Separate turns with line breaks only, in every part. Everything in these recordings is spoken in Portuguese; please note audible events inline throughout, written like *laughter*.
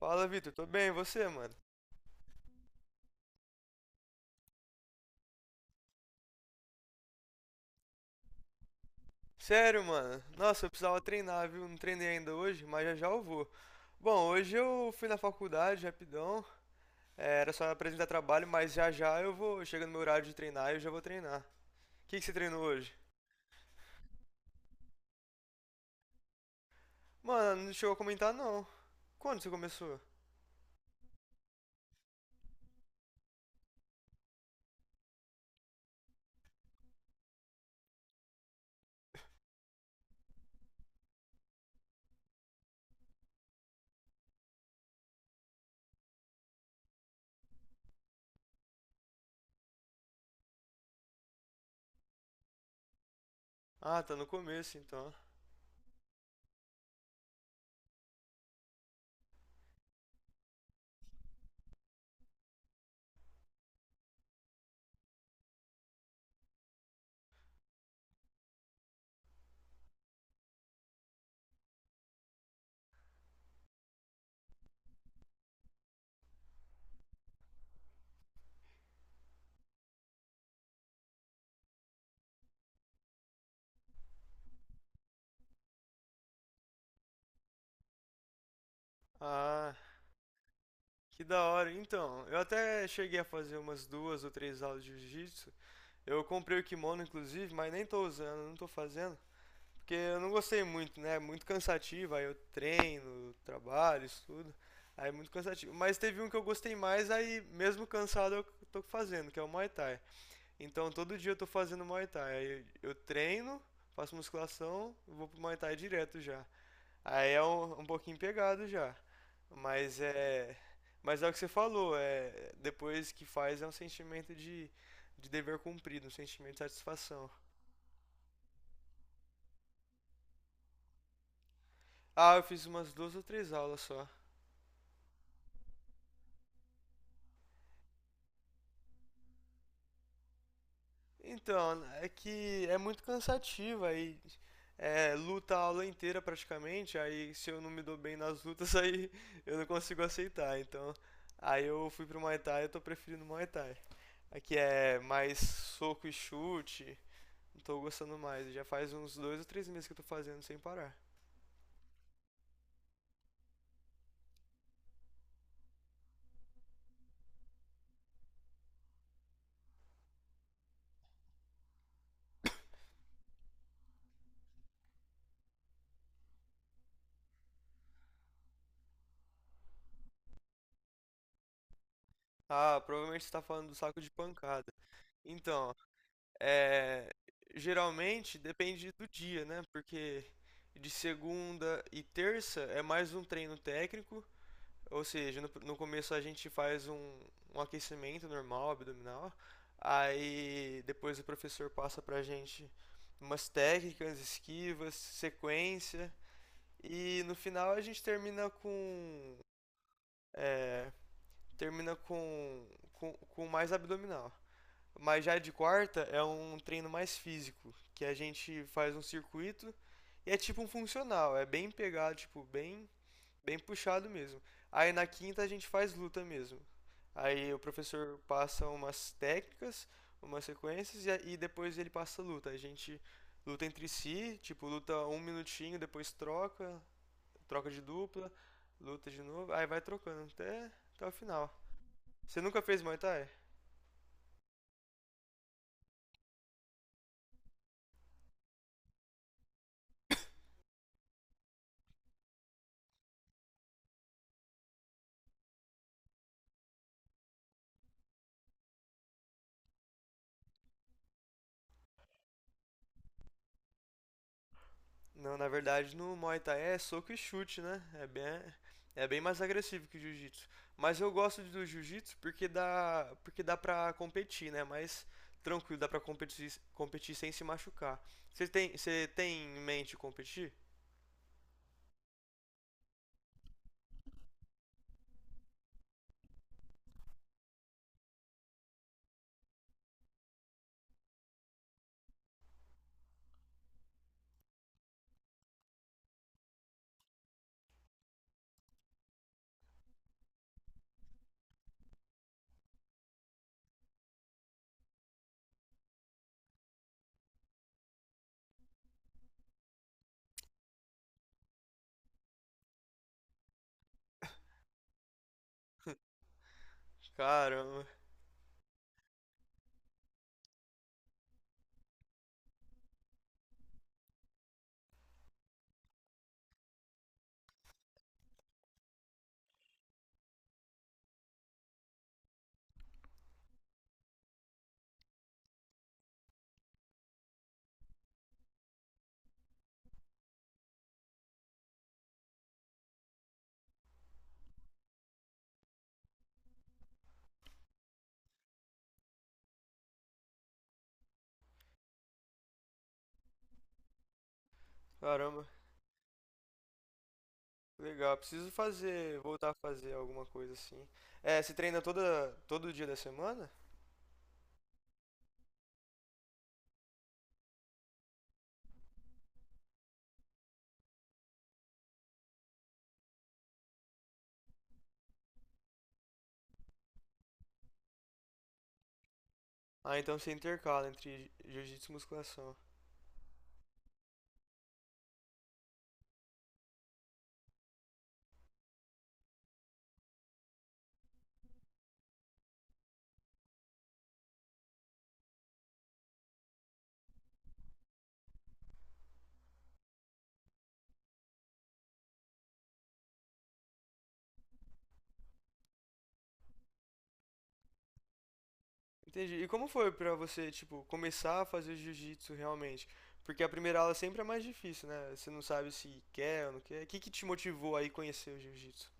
Fala, Vitor. Tô bem, e você, mano? Sério, mano? Nossa, eu precisava treinar, viu? Não treinei ainda hoje, mas já já eu vou. Bom, hoje eu fui na faculdade, rapidão. Era só apresentar trabalho, mas já já eu vou. Chega no meu horário de treinar e eu já vou treinar. O que você treinou hoje? Mano, não chegou a comentar, não. Quando você começou? Ah, tá no começo, então. Ah, que da hora. Então, eu até cheguei a fazer umas duas ou três aulas de jiu-jitsu. Eu comprei o kimono, inclusive, mas nem tô usando, não tô fazendo. Porque eu não gostei muito, né? Muito cansativo, aí eu treino, trabalho, estudo. Aí é muito cansativo. Mas teve um que eu gostei mais, aí mesmo cansado eu tô fazendo, que é o Muay Thai. Então todo dia eu tô fazendo Muay Thai. Aí eu treino, faço musculação, vou pro Muay Thai direto já. Aí é um pouquinho pegado já. Mas é. Mas é o que você falou, depois que faz é um sentimento de dever cumprido, um sentimento de satisfação. Ah, eu fiz umas duas ou três aulas só. Então, é que é muito cansativo aí, luta a aula inteira praticamente, aí se eu não me dou bem nas lutas, *laughs* aí eu não consigo aceitar. Então, aí eu fui pro Muay Thai, eu tô preferindo Muay Thai. Aqui é mais soco e chute, não tô gostando mais, já faz uns dois ou três meses que eu tô fazendo sem parar. Ah, provavelmente você tá falando do saco de pancada. Então, é, geralmente depende do dia, né? Porque de segunda e terça é mais um treino técnico, ou seja, no começo a gente faz um aquecimento normal, abdominal, aí depois o professor passa pra gente umas técnicas, esquivas, sequência, e no final a gente termina é, termina com mais abdominal. Mas já de quarta é um treino mais físico, que a gente faz um circuito e é tipo um funcional, é bem pegado, tipo, bem, bem puxado mesmo. Aí na quinta a gente faz luta mesmo. Aí o professor passa umas técnicas, umas sequências e, e depois ele passa luta. A gente luta entre si, tipo, luta um minutinho, depois troca, troca de dupla, luta de novo, aí vai trocando até o final. Você nunca fez Muay Thai? Não, na verdade no Muay Thai é soco e chute, né? É bem mais agressivo que o Jiu-Jitsu. Mas eu gosto do Jiu-Jitsu porque dá pra competir, né? Mais tranquilo, dá pra competir, competir sem se machucar. Você tem em mente competir? Caramba, Caramba. Legal, preciso fazer, voltar a fazer alguma coisa assim. É, todo dia da semana? Ah, então você intercala entre jiu-jitsu e musculação. Entendi. E como foi pra você, tipo, começar a fazer jiu-jitsu realmente? Porque a primeira aula sempre é mais difícil, né? Você não sabe se quer ou não quer. O que te motivou aí conhecer o jiu-jitsu?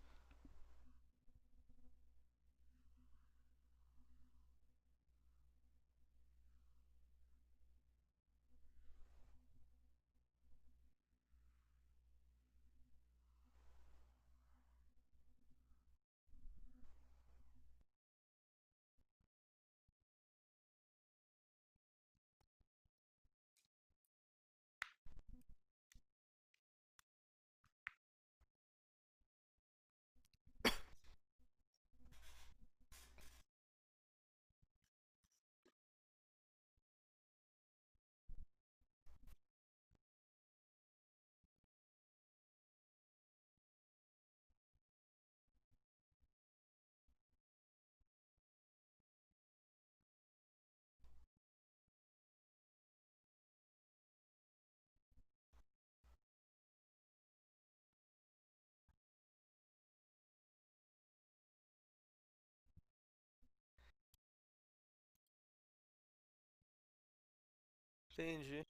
Entendi.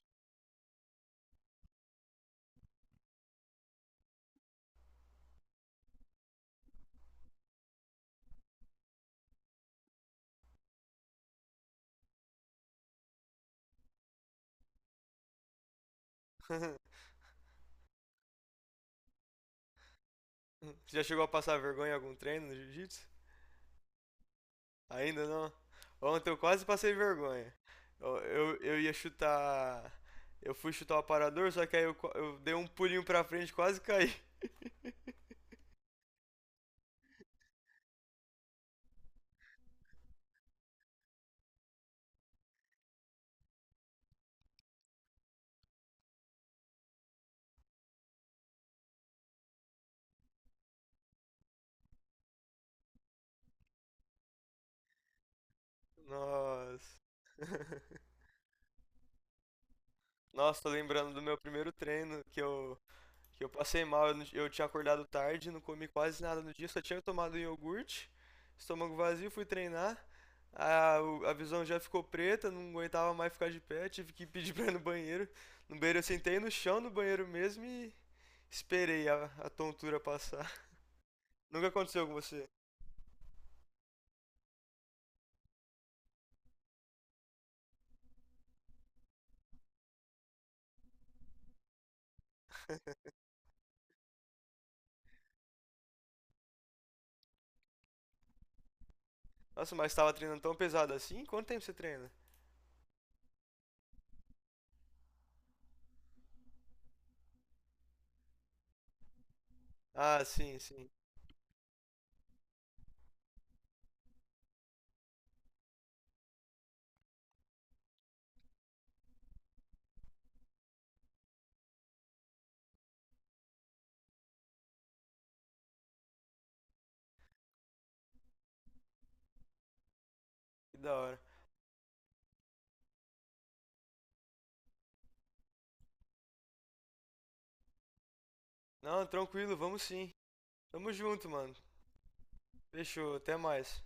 *laughs* Você já chegou a passar vergonha em algum treino no jiu-jitsu? Ainda não? Ontem eu quase passei vergonha. Eu ia chutar. Eu fui chutar o aparador, só que aí eu dei um pulinho pra frente e quase caí. Nossa. *laughs* Nossa, tô lembrando do meu primeiro treino que eu que eu passei mal, eu tinha acordado tarde, não comi quase nada no dia, só tinha tomado iogurte, estômago vazio, fui treinar. A visão já ficou preta, não aguentava mais ficar de pé, tive que pedir *laughs* pra ir no banheiro. No banheiro eu sentei no chão no banheiro mesmo e esperei a tontura passar. *laughs* Nunca aconteceu com você? Nossa, mas tava treinando tão pesado assim? Quanto tempo você treina? Ah, sim, sim. Que da hora. Não, tranquilo, vamos sim. Tamo junto, mano. Fechou, até mais.